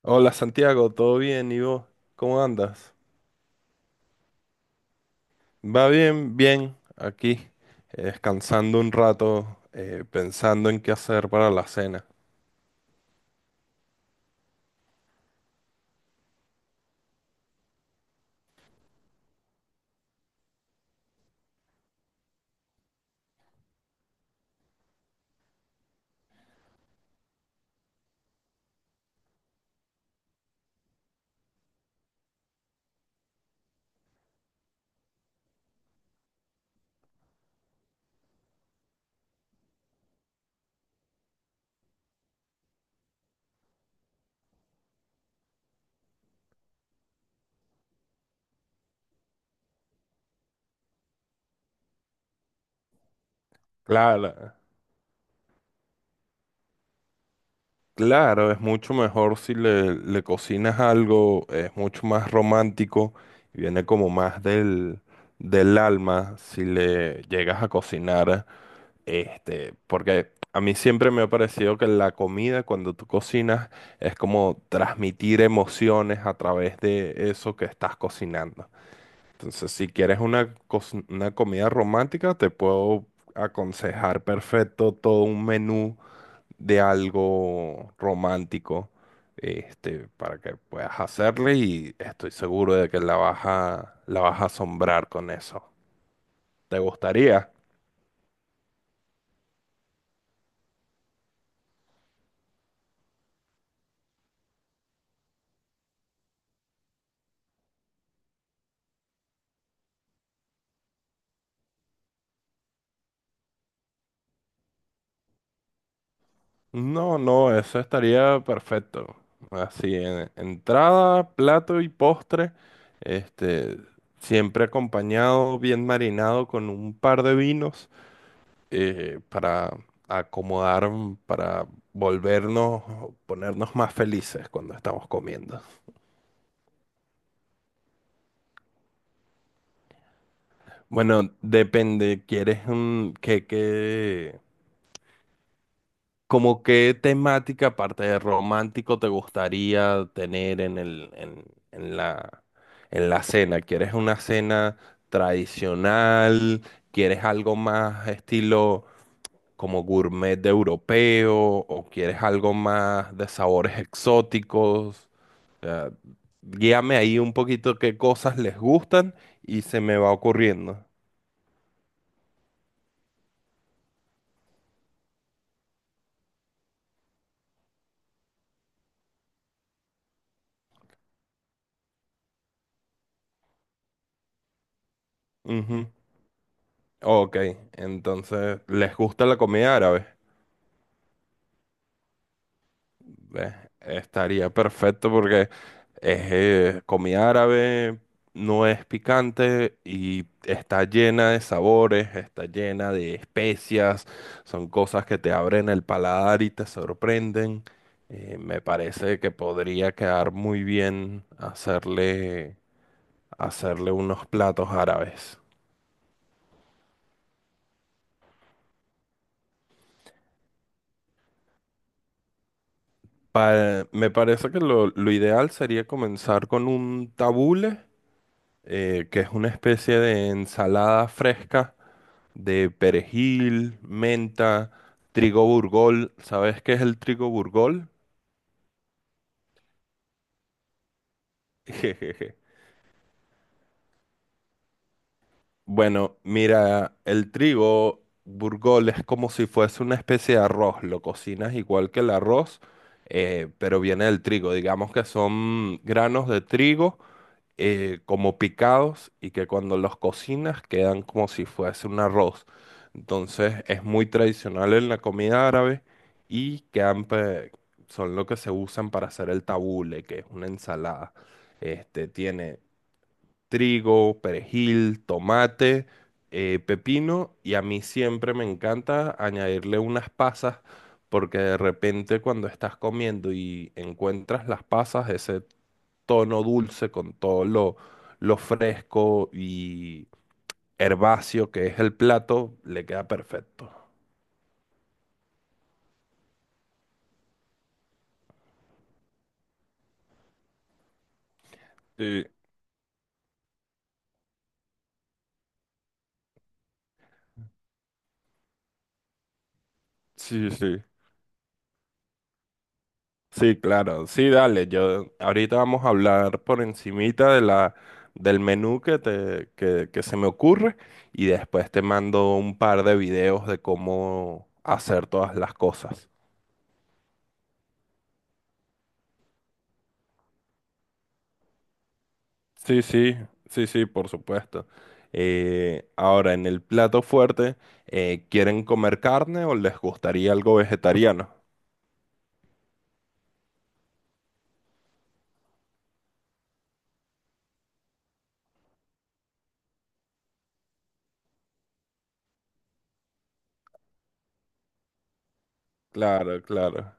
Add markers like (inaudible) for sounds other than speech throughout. Hola Santiago, ¿todo bien? ¿Y vos? ¿Cómo andas? Va bien, bien, aquí, descansando un rato, pensando en qué hacer para la cena. Claro, claro, es mucho mejor si le cocinas algo, es mucho más romántico y viene como más del alma si le llegas a cocinar. Este, porque a mí siempre me ha parecido que la comida, cuando tú cocinas, es como transmitir emociones a través de eso que estás cocinando. Entonces, si quieres una comida romántica, te puedo aconsejar perfecto todo un menú de algo romántico, este, para que puedas hacerle y estoy seguro de que la vas a asombrar con eso. ¿Te gustaría? No, no, eso estaría perfecto. Así, entrada, plato y postre, este, siempre acompañado, bien marinado con un par de vinos para acomodar, para volvernos, ponernos más felices cuando estamos comiendo. Bueno, depende, ¿quieres un qué, ¿Como qué temática, aparte de romántico, te gustaría tener en el, en la, en la cena? ¿Quieres una cena tradicional? ¿Quieres algo más estilo como gourmet de europeo? ¿O quieres algo más de sabores exóticos? O sea, guíame ahí un poquito qué cosas les gustan y se me va ocurriendo. Ujú. Ok, entonces, ¿les gusta la comida árabe? Eh, Estaría perfecto porque es comida árabe, no es picante y está llena de sabores, está llena de especias, son cosas que te abren el paladar y te sorprenden. Me parece que podría quedar muy bien hacerle unos platos árabes. Me parece que lo ideal sería comenzar con un tabule, que es una especie de ensalada fresca de perejil, menta, trigo burgol. ¿Sabes qué es el trigo burgol? (laughs) Jejeje. Bueno, mira, el trigo burgol es como si fuese una especie de arroz. Lo cocinas igual que el arroz, pero viene del trigo. Digamos que son granos de trigo como picados y que cuando los cocinas quedan como si fuese un arroz. Entonces es muy tradicional en la comida árabe y son lo que se usan para hacer el tabule, que es una ensalada. Este tiene trigo, perejil, tomate, pepino y a mí siempre me encanta añadirle unas pasas. Porque de repente cuando estás comiendo y encuentras las pasas, ese tono dulce, con todo lo fresco y herbáceo que es el plato, le queda perfecto. Sí, sí, sí. Sí, claro. Sí, dale. Yo ahorita vamos a hablar por encimita de la del menú que se me ocurre y después te mando un par de videos de cómo hacer todas las cosas. Sí, sí, sí, sí, por supuesto. Ahora, en el plato fuerte, ¿quieren comer carne o les gustaría algo vegetariano? Claro, claro.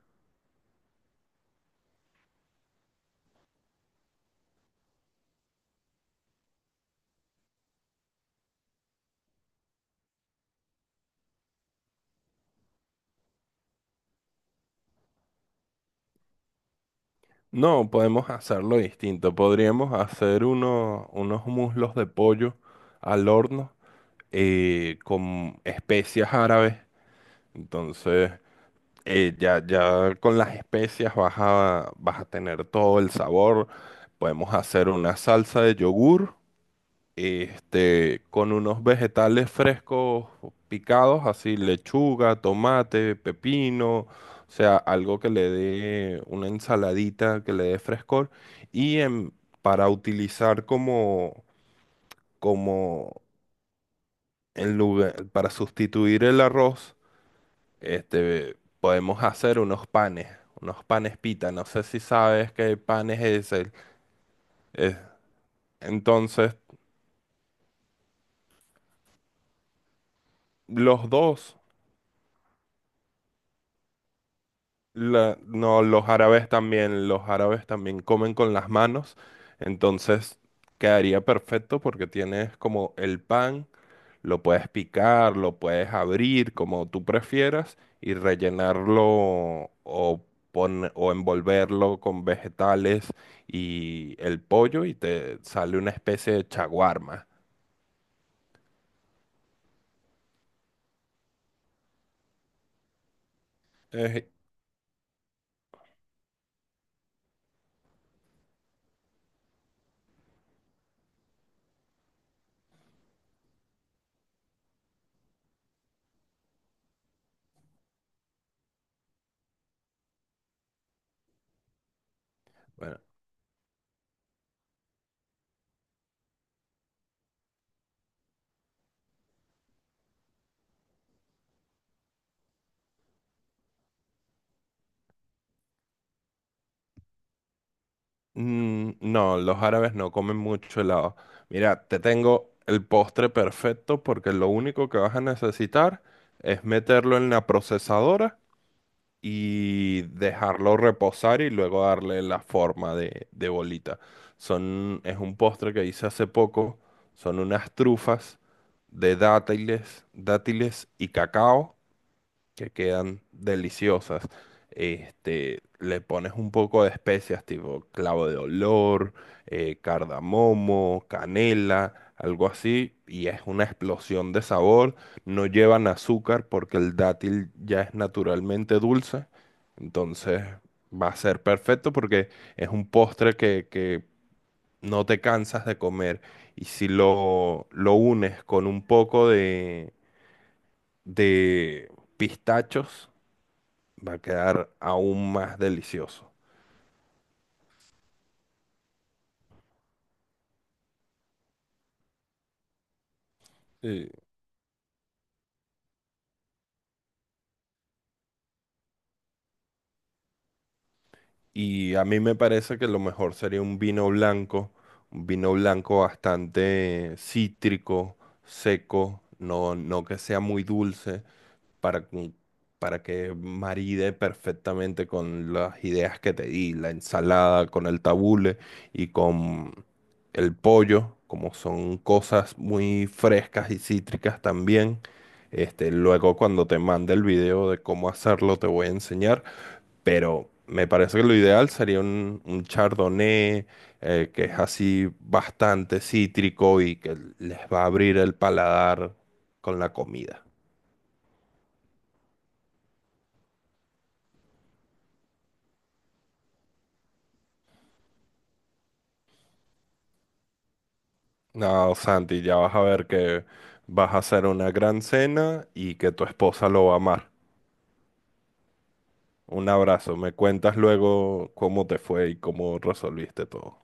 No, podemos hacerlo distinto. Podríamos hacer unos muslos de pollo al horno con especias árabes. Entonces, ya con las especias vas a tener todo el sabor. Podemos hacer una salsa de yogur. Este, con unos vegetales frescos picados, así lechuga, tomate, pepino, o sea, algo que le dé una ensaladita, que le dé frescor, y en- para utilizar como en lugar, para sustituir el arroz, este, podemos hacer unos panes pita, no sé si sabes qué panes es es- entonces, los dos. No, los árabes también comen con las manos, entonces quedaría perfecto porque tienes como el pan, lo puedes picar, lo puedes abrir como tú prefieras y rellenarlo o, o envolverlo con vegetales y el pollo y te sale una especie de chaguarma. Eh, bueno, Mm, no, los árabes no comen mucho helado. Mira, te tengo el postre perfecto porque lo único que vas a necesitar es meterlo en la procesadora y dejarlo reposar y luego darle la forma de bolita. Son, es un postre que hice hace poco. Son unas trufas de dátiles, dátiles y cacao que quedan deliciosas. Este, le pones un poco de especias tipo clavo de olor, cardamomo, canela, algo así, y es una explosión de sabor. No llevan azúcar porque el dátil ya es naturalmente dulce, entonces va a ser perfecto porque es un postre que no te cansas de comer. Y si lo unes con un poco de pistachos, va a quedar aún más delicioso. Sí, y a mí me parece que lo mejor sería un vino blanco bastante cítrico, seco, no, no que sea muy dulce, para, cu- para que maride perfectamente con las ideas que te di, la ensalada, con el tabule y con el pollo, como son cosas muy frescas y cítricas también. Este, luego cuando te mande el video de cómo hacerlo te voy a enseñar, pero me parece que lo ideal sería un chardonnay que es así bastante cítrico y que les va a abrir el paladar con la comida. No, Santi, ya vas a ver que vas a hacer una gran cena y que tu esposa lo va a amar. Un abrazo. Me cuentas luego cómo te fue y cómo resolviste todo.